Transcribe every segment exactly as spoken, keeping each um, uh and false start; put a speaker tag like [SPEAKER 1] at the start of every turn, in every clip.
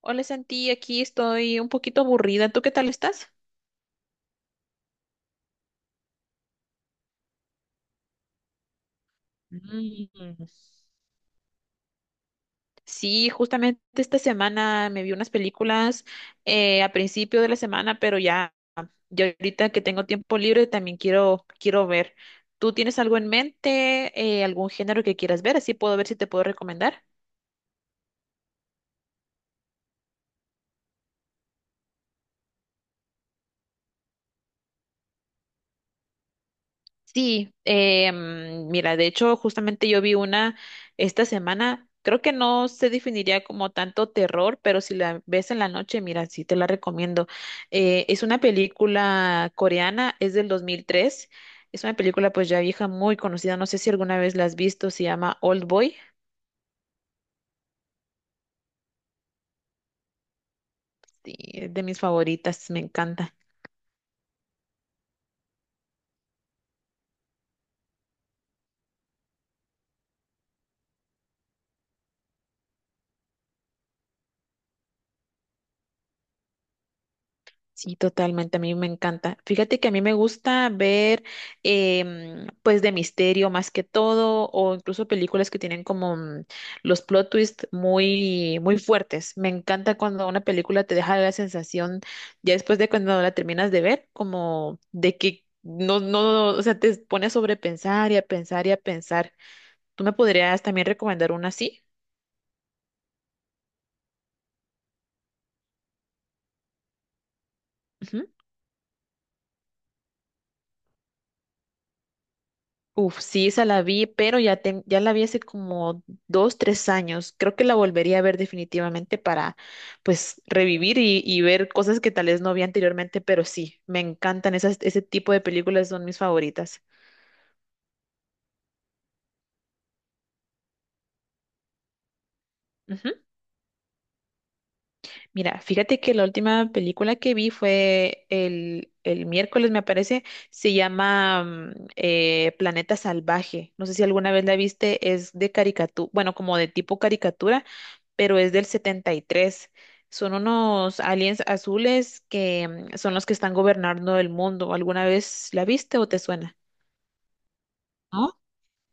[SPEAKER 1] Hola Santi, aquí estoy un poquito aburrida. ¿Tú qué tal estás? Mm. Sí, justamente esta semana me vi unas películas eh, a principio de la semana, pero ya, ya ahorita que tengo tiempo libre también quiero, quiero ver. ¿Tú tienes algo en mente, eh, algún género que quieras ver? Así puedo ver si te puedo recomendar. Sí, eh, mm, mira, de hecho, justamente yo vi una esta semana. Creo que no se definiría como tanto terror, pero si la ves en la noche, mira, sí te la recomiendo. Eh, es una película coreana, es del dos mil tres. Es una película pues ya vieja, muy conocida, no sé si alguna vez la has visto, se llama Old Boy. Sí, es de mis favoritas, me encanta. Sí, totalmente, a mí me encanta. Fíjate que a mí me gusta ver, em, pues, de misterio más que todo, o incluso películas que tienen como mm, los plot twists muy, muy fuertes. Me encanta cuando una película te deja la sensación, ya después de cuando la terminas de ver, como de que no, no, o sea, te pone a sobrepensar y a pensar y a pensar. ¿Tú me podrías también recomendar una así? Ujú. Uf, sí, esa la vi, pero ya, ten- ya la vi hace como dos, tres años. Creo que la volvería a ver definitivamente para, pues, revivir y, y ver cosas que tal vez no vi anteriormente, pero sí, me encantan esas, ese tipo de películas, son mis favoritas. Mira, fíjate que la última película que vi fue el, el miércoles, me parece. Se llama mm, eh, Planeta Salvaje. No sé si alguna vez la viste, es de caricatura, bueno, como de tipo caricatura, pero es del setenta y tres. Son unos aliens azules que mm, son los que están gobernando el mundo. ¿Alguna vez la viste o te suena?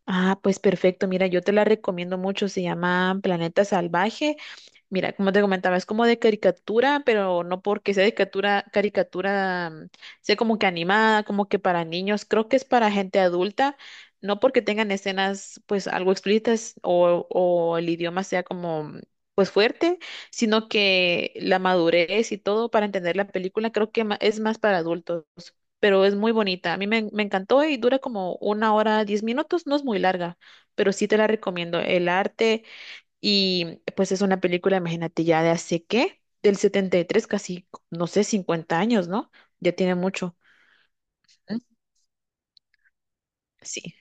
[SPEAKER 1] Ah, pues perfecto. Mira, yo te la recomiendo mucho. Se llama Planeta Salvaje. Mira, como te comentaba, es como de caricatura, pero no porque sea de caricatura, caricatura, mm, sea como que animada, como que para niños. Creo que es para gente adulta, no porque tengan escenas, pues, algo explícitas o, o el idioma sea como, mm, pues, fuerte, sino que la madurez y todo para entender la película, creo que ma- es más para adultos, pero es muy bonita. A mí me, me encantó y dura como una hora, diez minutos, no es muy larga, pero sí te la recomiendo. El arte, y pues es una película, imagínate, ya de hace qué, del setenta y tres, casi, no sé, cincuenta años, ¿no? Ya tiene mucho. ¿Mm? Sí.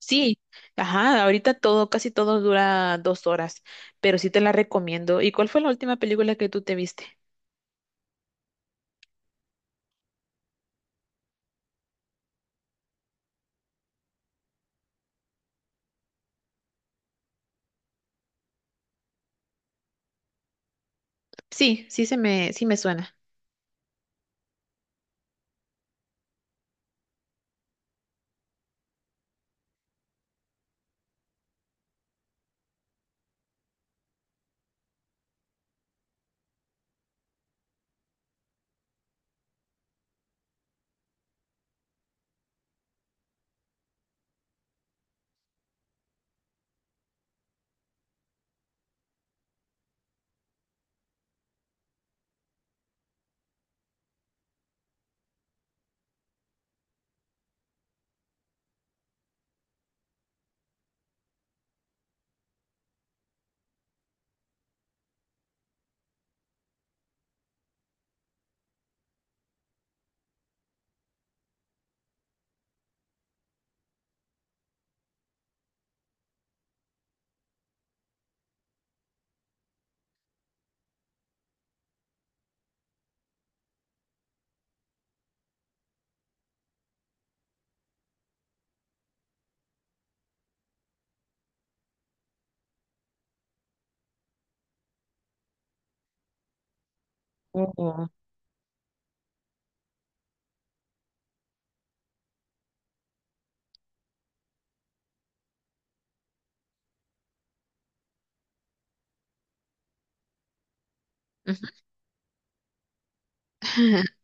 [SPEAKER 1] Sí, ajá, ahorita todo, casi todo dura dos horas, pero sí te la recomiendo. ¿Y cuál fue la última película que tú te viste? Sí, sí se me, sí me suena. Oh. Ujú.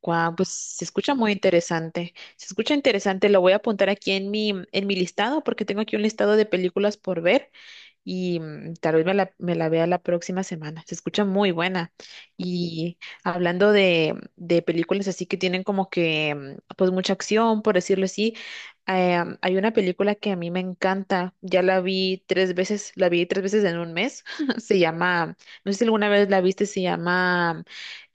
[SPEAKER 1] Guau, pues se escucha muy interesante. Se escucha interesante, lo voy a apuntar aquí en mi, en mi listado porque tengo aquí un listado de películas por ver y mm, tal vez me la, me la vea la próxima semana. Se escucha muy buena. Y hablando de, de películas así que tienen como que mm, pues mucha acción, por decirlo así, eh, hay una película que a mí me encanta. Ya la vi tres veces, la vi tres veces en un mes. Se llama, no sé si alguna vez la viste, se llama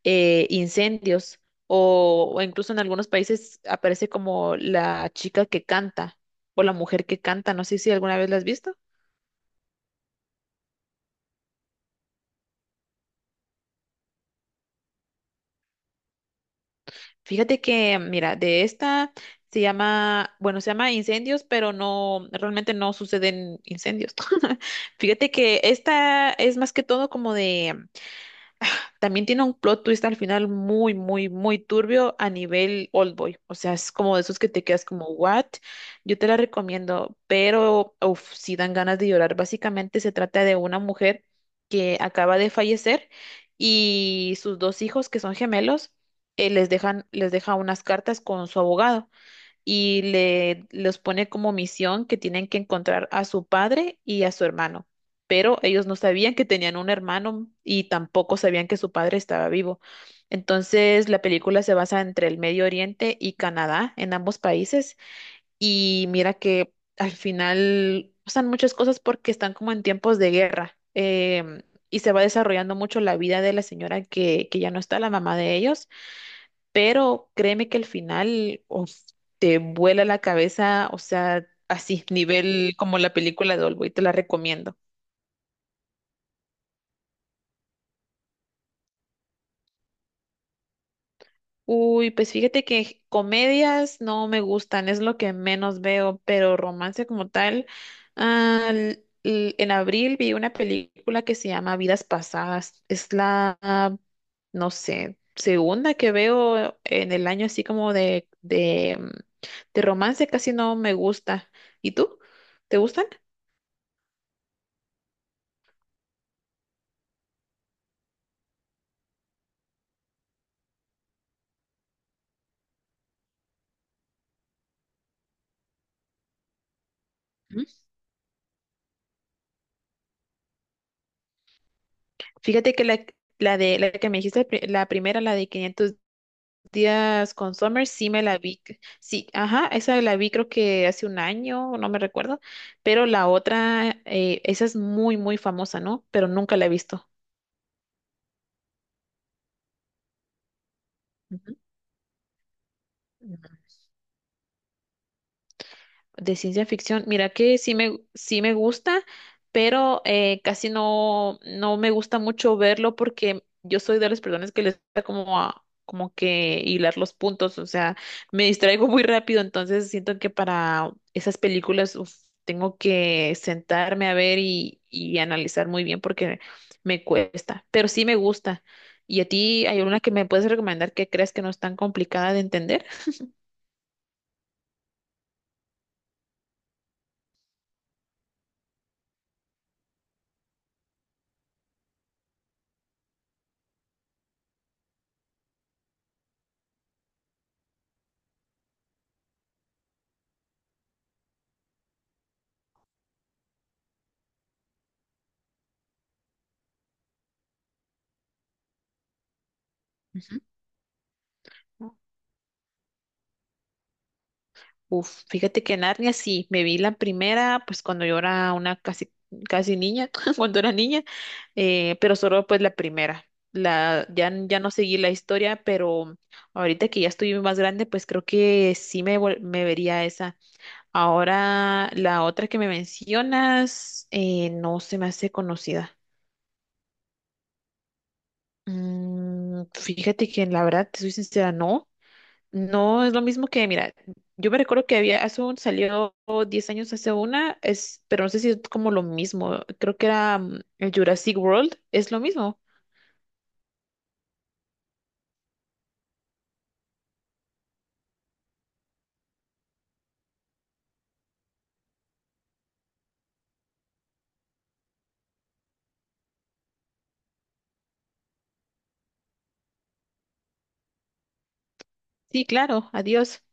[SPEAKER 1] eh, incendios, o, o incluso en algunos países aparece como la chica que canta o la mujer que canta. No sé si alguna vez la has visto. Fíjate que, mira, de esta se llama, bueno, se llama incendios, pero no, realmente no suceden incendios. Fíjate que esta es más que todo como de. También tiene un plot twist al final muy, muy, muy turbio a nivel Oldboy. O sea, es como de esos que te quedas como, ¿what? Yo te la recomiendo, pero uf, sí dan ganas de llorar. Básicamente se trata de una mujer que acaba de fallecer y sus dos hijos, que son gemelos. eh, les dejan, les deja unas cartas con su abogado y le los pone como misión que tienen que encontrar a su padre y a su hermano. Pero ellos no sabían que tenían un hermano y tampoco sabían que su padre estaba vivo. Entonces, la película se basa entre el Medio Oriente y Canadá, en ambos países, y mira que al final pasan muchas cosas porque están como en tiempos de guerra. em, y se va desarrollando mucho la vida de la señora que, que ya no está, la mamá de ellos, pero créeme que al final, uf, te vuela la cabeza, o sea, así, nivel como la película de Oldboy, te la recomiendo. Uy, pues fíjate que comedias no me gustan, es lo que menos veo, pero romance como tal, ah, l- l- en abril vi una película que se llama Vidas Pasadas, es la, ah, no sé, segunda que veo en el año así como de, de, mm, de romance, casi no me gusta. ¿Y tú? ¿Te gusta? Ujú. Fíjate que la, la de la que me dijiste, pri- la primera, la de quinientos días con Summer, sí me la vi. c- Sí, ajá, esa la vi creo que hace un año, no me recuerdo, pero la otra, eh, esa es muy, muy famosa, ¿no? Pero nunca la he visto. Ujú. Ujú. De ciencia ficción, mira que sí me, sí me gusta, pero eh, casi no, no me gusta mucho verlo porque yo soy de las personas que les gusta como a- como que hilar los puntos, o sea, me distraigo muy rápido, entonces siento que para esas películas, uf, tengo que sentarme a ver y, y analizar muy bien porque me cuesta, pero sí me gusta. ¿Y a ti hay una que me puedes recomendar que creas que no es tan complicada de entender? Ujú. Uf, fíjate que Narnia sí, me vi la primera, pues cuando yo era una casi, casi niña, cuando era niña, eh, pero solo pues la primera. La, ya, n- ya no seguí la historia, pero ahorita que ya estoy más grande, pues creo que sí me, vol- me vería esa. Ahora, la otra que me mencionas, eh, no se me hace conocida. Mm, fíjate que la verdad, te soy sincera, no. No, es lo mismo que, mira, yo me recuerdo que había, hace un, salió diez años hace una, es, pero no sé si es como lo mismo, creo que era mm, el Jurassic World, es lo mismo. Sí, claro, adiós.